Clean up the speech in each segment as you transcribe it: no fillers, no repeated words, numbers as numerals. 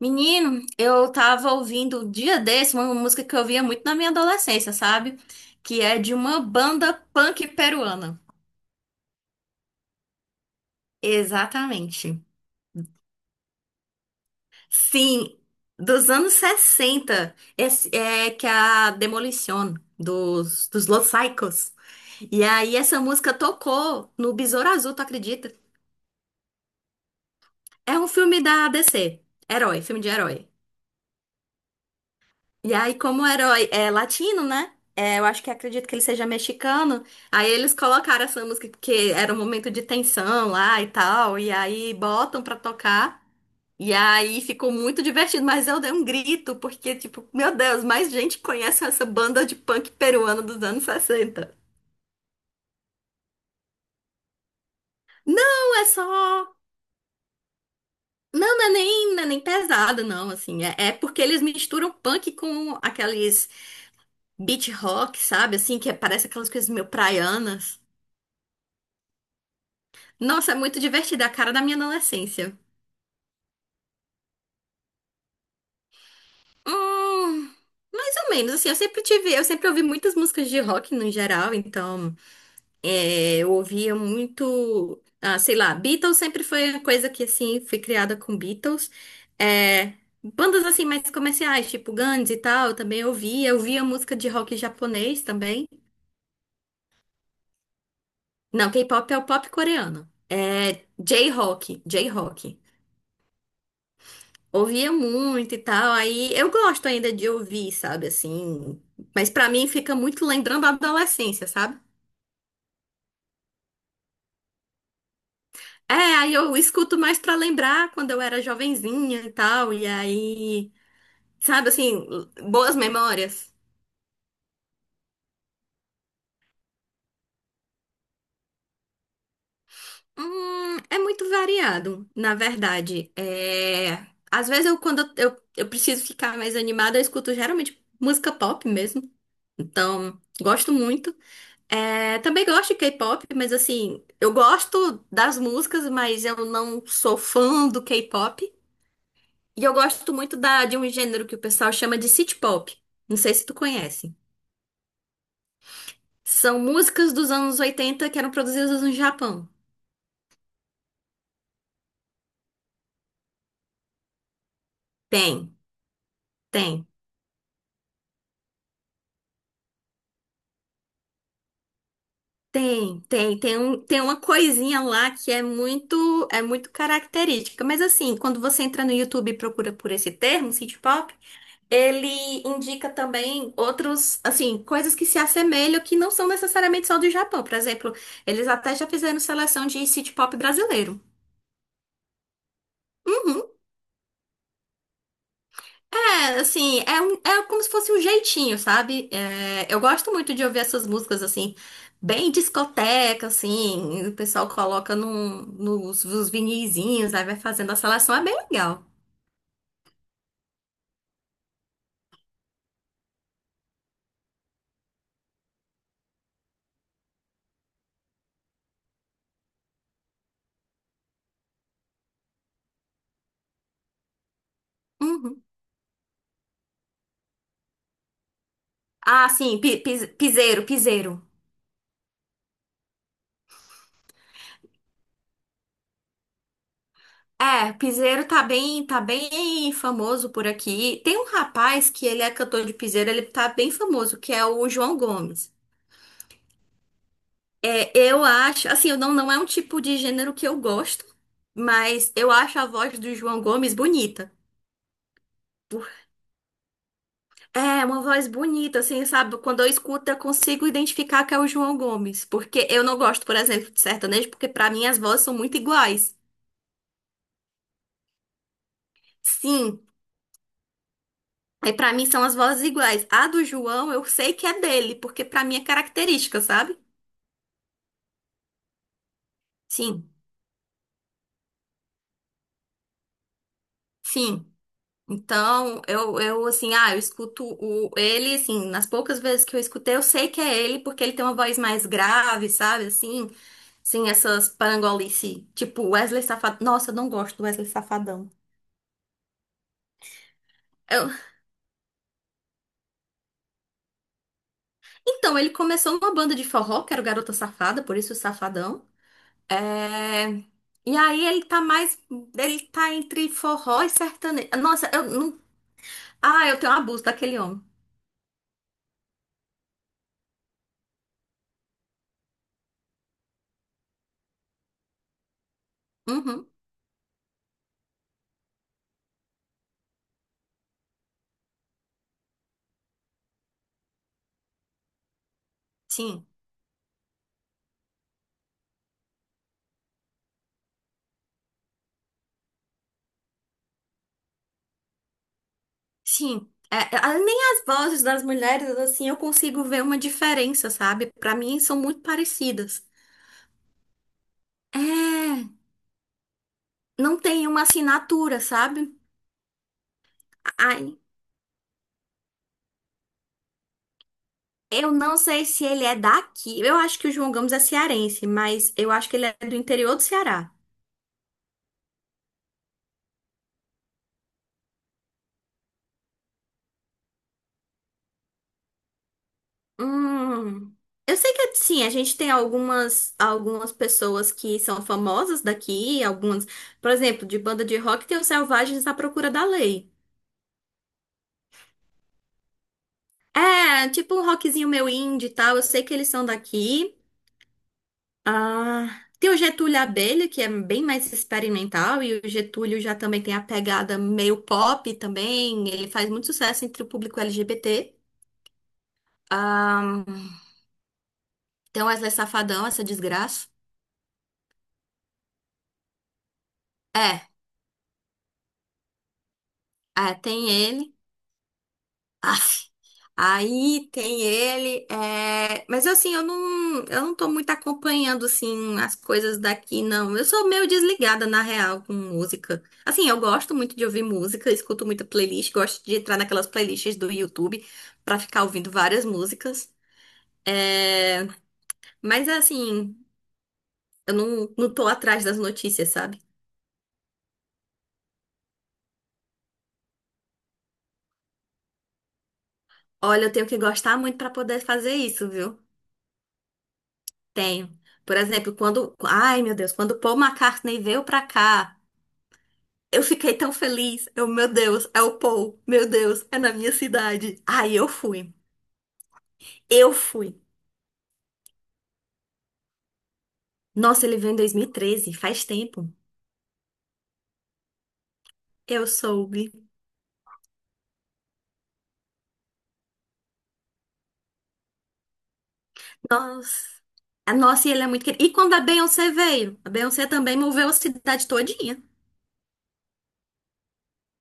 Menino, eu tava ouvindo um dia desse uma música que eu ouvia muito na minha adolescência, sabe? Que é de uma banda punk peruana. Exatamente. Sim, dos anos 60, esse, é que é a Demolition dos, Los Psychos. E aí essa música tocou no Besouro Azul, tu acredita? É um filme da DC, herói, filme de herói. E aí, como o herói é latino, né? É, eu acho que acredito que ele seja mexicano. Aí eles colocaram essa música porque era um momento de tensão lá e tal. E aí botam pra tocar. E aí ficou muito divertido, mas eu dei um grito, porque, tipo, meu Deus, mais gente conhece essa banda de punk peruana dos anos 60. Não, é só. Não, não é nem pesado, não, assim. É, é porque eles misturam punk com aqueles beat rock, sabe? Assim, que é, parece aquelas coisas meio praianas. Nossa, é muito divertida, a cara da minha adolescência. Hum, Mais ou menos, assim, eu sempre ouvi muitas músicas de rock no geral, então é, eu ouvia muito, ah, sei lá, Beatles sempre foi uma coisa que, assim, fui criada com Beatles. É, bandas, assim, mais comerciais, tipo Guns e tal, eu também ouvia, eu via música de rock japonês também. Não, K-pop é o pop coreano. É J-rock, J-rock. Ouvia muito e tal, aí eu gosto ainda de ouvir, sabe, assim, mas pra mim fica muito lembrando a adolescência, sabe? É, aí eu escuto mais pra lembrar quando eu era jovenzinha e tal, e aí, sabe, assim, boas memórias. É muito variado, na verdade. É, às vezes eu, eu preciso ficar mais animada, eu escuto geralmente música pop mesmo, então gosto muito. É, também gosto de K-pop, mas assim, eu gosto das músicas, mas eu não sou fã do K-pop. E eu gosto muito da, de um gênero que o pessoal chama de city pop. Não sei se tu conhece. São músicas dos anos 80 que eram produzidas no Japão. Tem, tem, tem um, tem uma coisinha lá que é muito característica. Mas assim, quando você entra no YouTube e procura por esse termo, city pop, ele indica também outros, assim, coisas que se assemelham que não são necessariamente só do Japão. Por exemplo, eles até já fizeram seleção de city pop brasileiro. Uhum. É, assim, é, um- é como se fosse um jeitinho, sabe? É, eu gosto muito de ouvir essas músicas, assim, bem discoteca, assim. O pessoal coloca num, nos vinizinhos, aí vai fazendo a seleção. É bem legal. Uhum. Ah, sim, piseiro, piseiro. É, piseiro tá bem famoso por aqui. Tem um rapaz que ele é cantor de piseiro, ele tá bem famoso, que é o João Gomes. É, eu acho, assim, eu não, não é um tipo de gênero que eu gosto, mas eu acho a voz do João Gomes bonita. Por- é, uma voz bonita, assim, sabe? Quando eu escuto, eu consigo identificar que é o João Gomes, porque eu não gosto, por exemplo, de sertanejo, porque pra mim as vozes são muito iguais. Sim. Aí pra mim são as vozes iguais. A do João eu sei que é dele, porque pra mim é característica, sabe? Sim, sim. Então, eu assim, ah, eu escuto o, ele, assim, nas poucas vezes que eu escutei, eu sei que é ele, porque ele tem uma voz mais grave, sabe? Assim, sim, essas parangolice, tipo Wesley Safadão. Nossa, eu não gosto do Wesley Safadão. Eu- então, ele começou numa banda de forró, que era o Garota Safada, por isso o Safadão. É, e aí ele tá mais. Ele tá entre forró e sertanejo. Nossa, eu não. Ah, eu tenho um abuso daquele homem. Uhum. Sim, sim. É, é, nem as vozes das mulheres, assim, eu consigo ver uma diferença, sabe? Pra mim são muito parecidas. É, não tem uma assinatura, sabe? Ai, eu não sei se ele é daqui. Eu acho que o João Gomes é cearense, mas eu acho que ele é do interior do Ceará. Hum, eu sei que sim, a gente tem algumas pessoas que são famosas daqui, algumas, por exemplo, de banda de rock tem os Selvagens à Procura da Lei. É, tipo um rockzinho meio indie e tal, eu sei que eles são daqui. Ah, tem o Getúlio Abelha, que é bem mais experimental, e o Getúlio já também tem a pegada meio pop também, ele faz muito sucesso entre o público LGBT. Ah, tem o Wesley Safadão, essa desgraça. É, é, tem ele. Aff. Aí tem ele, é, mas assim, eu não tô muito acompanhando, assim, as coisas daqui, não. Eu sou meio desligada, na real, com música. Assim, eu gosto muito de ouvir música, escuto muita playlist, gosto de entrar naquelas playlists do YouTube pra ficar ouvindo várias músicas. É, mas assim, eu não, não tô atrás das notícias, sabe? Olha, eu tenho que gostar muito pra poder fazer isso, viu? Tenho. Por exemplo, quando. Ai, meu Deus, quando Paul McCartney veio pra cá. Eu fiquei tão feliz. Eu, meu Deus, é o Paul. Meu Deus, é na minha cidade. Aí eu fui. Eu fui. Nossa, ele veio em 2013. Faz tempo. Eu soube. Nossa. Ah, nossa, e ele é muito querido. E quando a Beyoncé veio? A Beyoncé também moveu a cidade todinha.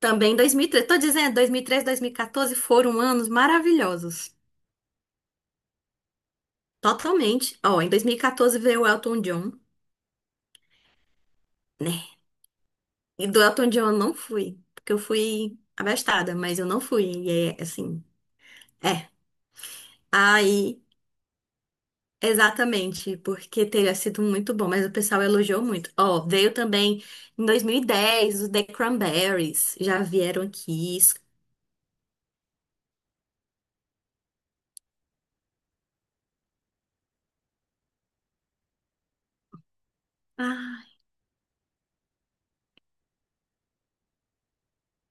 Também em 2013. Tô dizendo, dois mil mil e treze, dois mil e 2014 foram anos maravilhosos. Totalmente. Ó, em 2014 veio o Elton John, né? E do Elton John eu não fui, porque eu fui abastada, mas eu não fui. E é assim. É. Aí, exatamente, porque teria sido muito bom, mas o pessoal elogiou muito. Ó, veio também em 2010 os The Cranberries, já vieram aqui. Ai,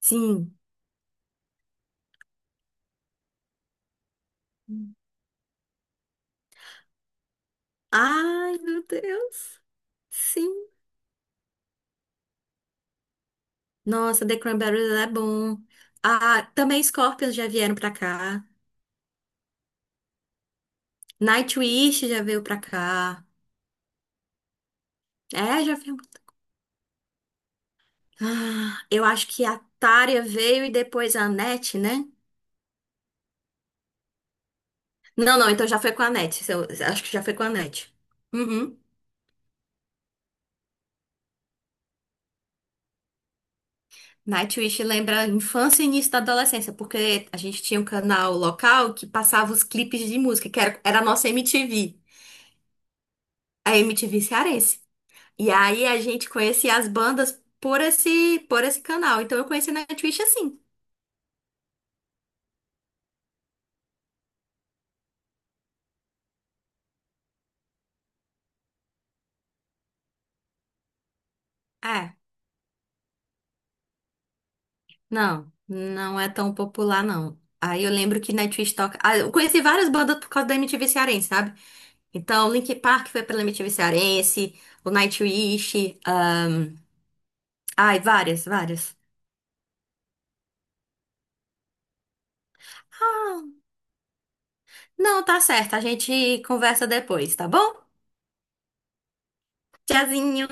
sim. Ai, meu Deus. Sim. Nossa, The Cranberries é bom. Ah, também Scorpions já vieram pra cá. Nightwish já veio pra cá. É, já veio. Ah, eu acho que a Tária veio e depois a Annette, né? Não, não, então já foi com a Net. Eu acho que já foi com a Net. Uhum. Nightwish lembra a infância e início da adolescência, porque a gente tinha um canal local que passava os clipes de música, que era, era a nossa MTV, a MTV cearense. E aí a gente conhecia as bandas por esse canal. Então eu conheci Nightwish assim. É, não, não é tão popular, não. Aí eu lembro que Nightwish toca. Ah, eu conheci várias bandas por causa da MTV cearense, sabe? Então, Linkin Park foi pela MTV Cearense, o Nightwish, ai, várias, várias. Não, tá certo, a gente conversa depois, tá bom? Tchauzinho!